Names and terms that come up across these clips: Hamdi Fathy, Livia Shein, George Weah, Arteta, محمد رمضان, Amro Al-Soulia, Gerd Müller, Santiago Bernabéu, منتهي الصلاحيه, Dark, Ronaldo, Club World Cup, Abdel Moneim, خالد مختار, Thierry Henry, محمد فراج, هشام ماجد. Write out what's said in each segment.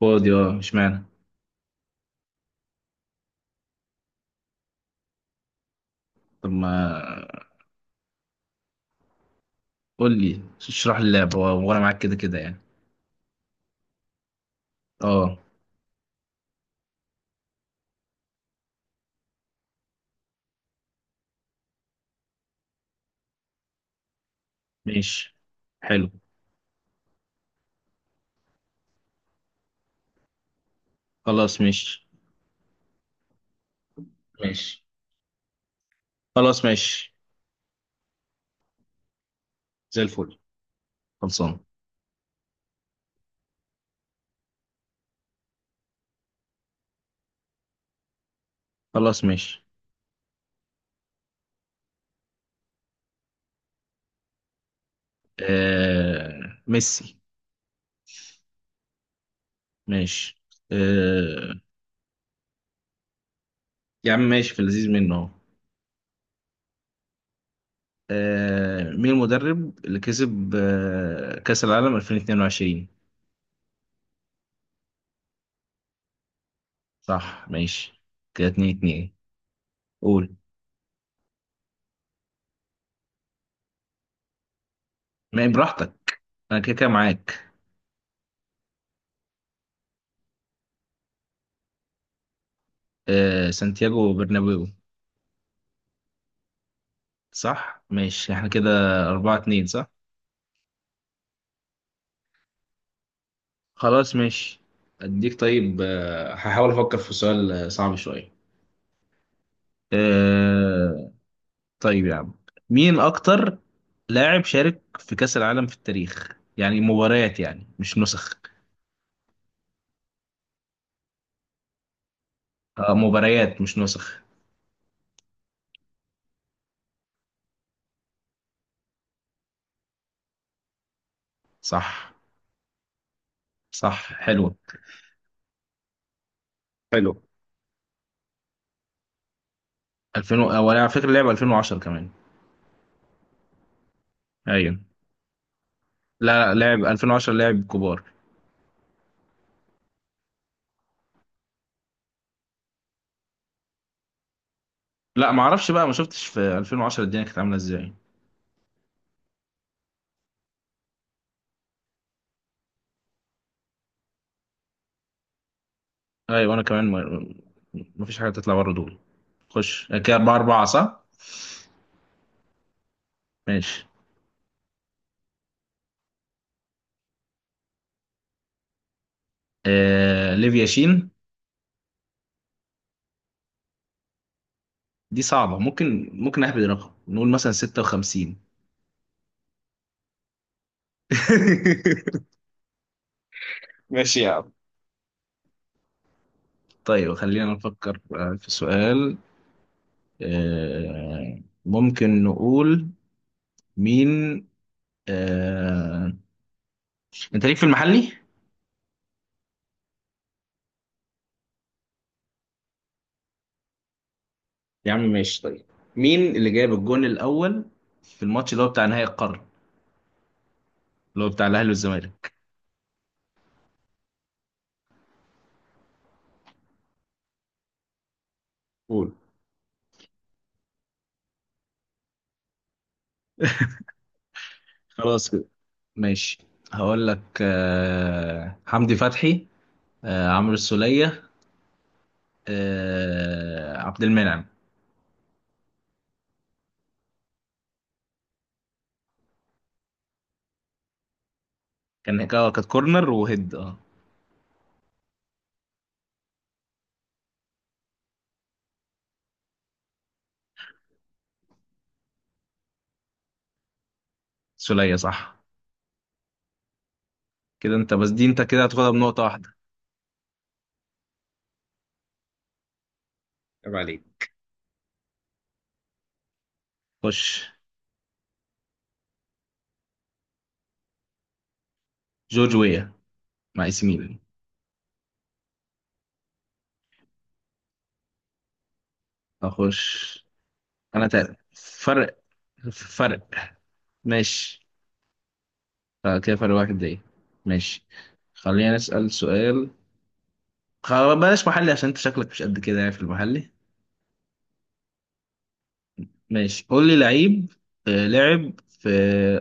فاضي، اه، اشمعنى؟ طب ما قول لي اشرح لي اللعبة وانا معاك كده كده يعني. اه، ماشي. حلو. خلاص ماشي. ماشي. خلاص ماشي. زي الفل. خلصان. خلاص ماشي. ميسي. ماشي. آه... يا عم ماشي، في اللذيذ منه اهو. مين المدرب اللي كسب كأس العالم 2022؟ صح ماشي، كده 2-2. قول. ما براحتك، انا كده كده معاك. سانتياغو برنابيو. صح ماشي، احنا كده. 4-2 صح. خلاص ماشي. أديك طيب، هحاول أفكر في سؤال صعب شوية. أه... طيب يا عم، مين أكتر لاعب شارك في كأس العالم في التاريخ يعني مباريات يعني مش نسخ. أه، مباريات مش نسخ. صح. صح، حلو. حلو. 2000 هو على فكرة لعب 2010 كمان. أيوه. لا لا، لعب 2010، لعب كبار. لا، ما اعرفش بقى، ما شفتش في 2010 الدنيا كانت عاملة ازاي. ايوه، انا كمان مفيش حاجه تطلع بره دول. خش كده، 4-4 صح. ماشي. ليفيا شين. دي صعبه، ممكن اهبد رقم نقول مثلا 56. ماشي يا عم. طيب خلينا نفكر في سؤال. ممكن نقول مين. آه، انت ليك في المحلي؟ يا عم ماشي. طيب، مين اللي جاب الجون الأول في الماتش اللي هو بتاع نهائي القرن، اللي هو بتاع الأهلي والزمالك؟ قول. خلاص ماشي. هقول لك حمدي فتحي، عمرو السولية، عبد المنعم. كانت كورنر وهيد، اه. سولية صح. كده انت بس، دي انت كده هتاخدها بنقطة واحدة. عيب عليك. خش. جورج ويا، مع اي ميلان. اخش. انا تالت فرق فرق ماشي. كده فرق واحد، دقيقة. ماشي. خلينا نسأل سؤال. خ- بلاش محلي، عشان انت شكلك مش قد كده يعني في المحلي. ماشي، قول لي لعيب لعب في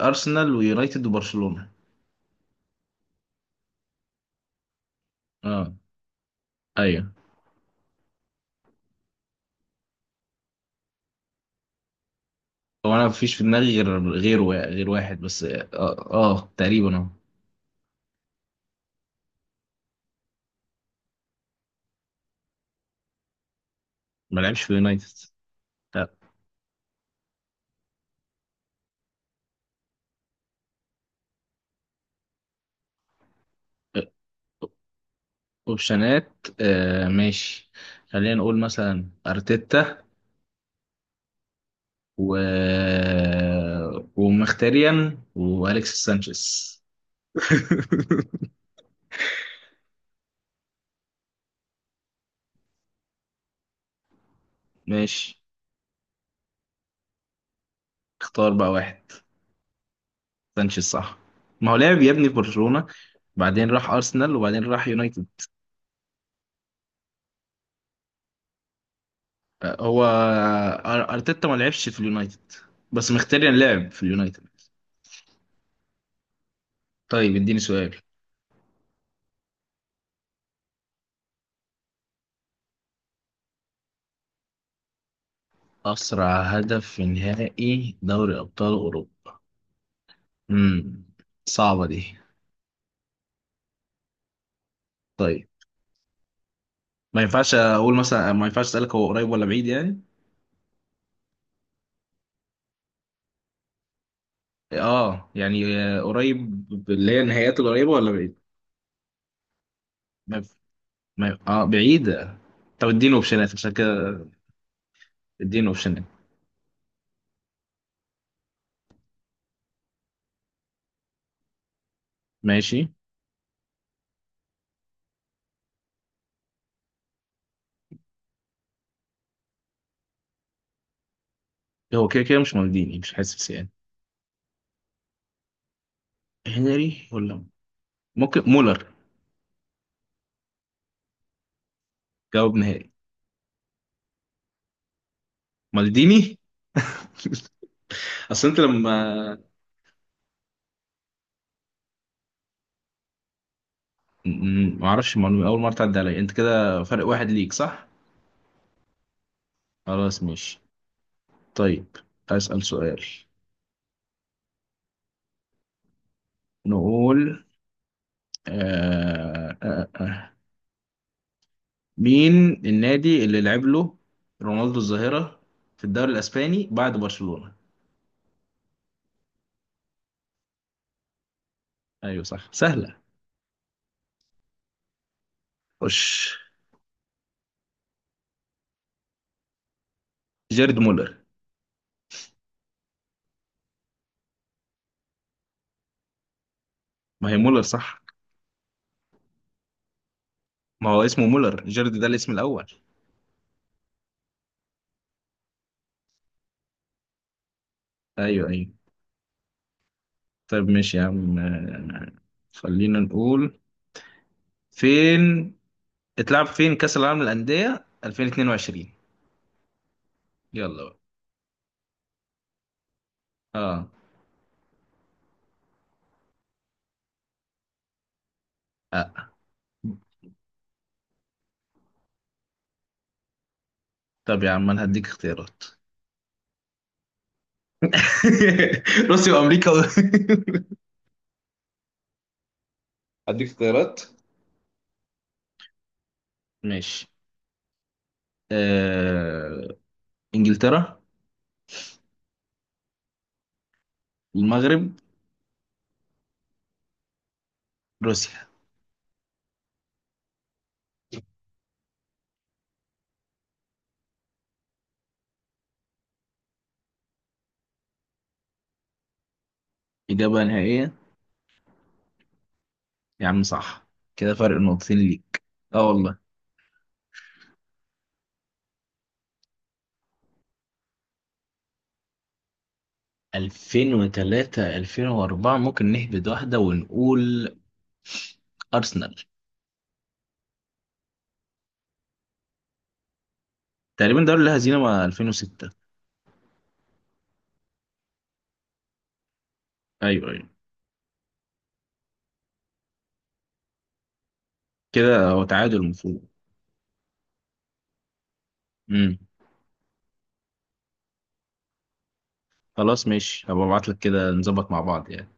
أرسنال ويونايتد وبرشلونة. اه. ايوه. هو انا مفيش في دماغي غير واحد بس، اه. تقريبا، اه. ما لعبش في يونايتد. لا. آه، اوبشنات. ماشي، خلينا نقول مثلا ارتيتا و ومختاريان واليكس سانشيز. ماشي، اختار بقى واحد. سانشيز صح. ما هو لعب يا ابني في برشلونة، بعدين راح ارسنال، وبعدين راح يونايتد. هو ارتيتا ما لعبش في اليونايتد، بس مختاري لعب في اليونايتد. طيب اديني سؤال. اسرع هدف في نهائي دوري ابطال اوروبا. امم صعبه دي. طيب، ما ينفعش اسالك هو قريب ولا بعيد يعني؟ اه، يعني قريب اللي هي النهائيات القريبه ولا بعيد؟ ما ينف- ما ينف- اه، بعيده. طب اديني اوبشنات عشان كده. اديني اوبشنات. ماشي. هو كده كده مش مالديني، مش حاسس يعني. هنري ولا ممكن مولر. جواب نهائي. مالديني. اصل انت لما ما اعرفش المعلومه، اول مره تعدي عليا. انت كده فرق واحد ليك صح. خلاص ماشي. طيب اسال سؤال. نقول آه آه آه. مين النادي اللي لعب له رونالدو الظاهره في الدوري الاسباني بعد برشلونه؟ ايوه صح، سهله. خش. جيرد مولر. ما هي مولر صح. ما هو اسمه مولر، جيرد ده الاسم الاول. ايوه ايوه. طيب ماشي يا عم. خلينا نقول فين اتلعب فين كأس العالم للأندية 2022؟ يلا بقى. اه. آه. طب يا عم انا هديك اختيارات. روسيا وامريكا هديك اختيارات. ماشي. آه... انجلترا، المغرب، روسيا. إجابة نهائية. يا عم صح، كده فرق نقطتين ليك. اه والله. 2003-2004، ممكن نهبد واحدة ونقول أرسنال. تقريبا دوري الهزيمة، مع 2006. أيوه أيوه. كده هو تعادل المفروض. امم. خلاص ماشي، هبقى ابعت لك كده نظبط مع بعض يعني.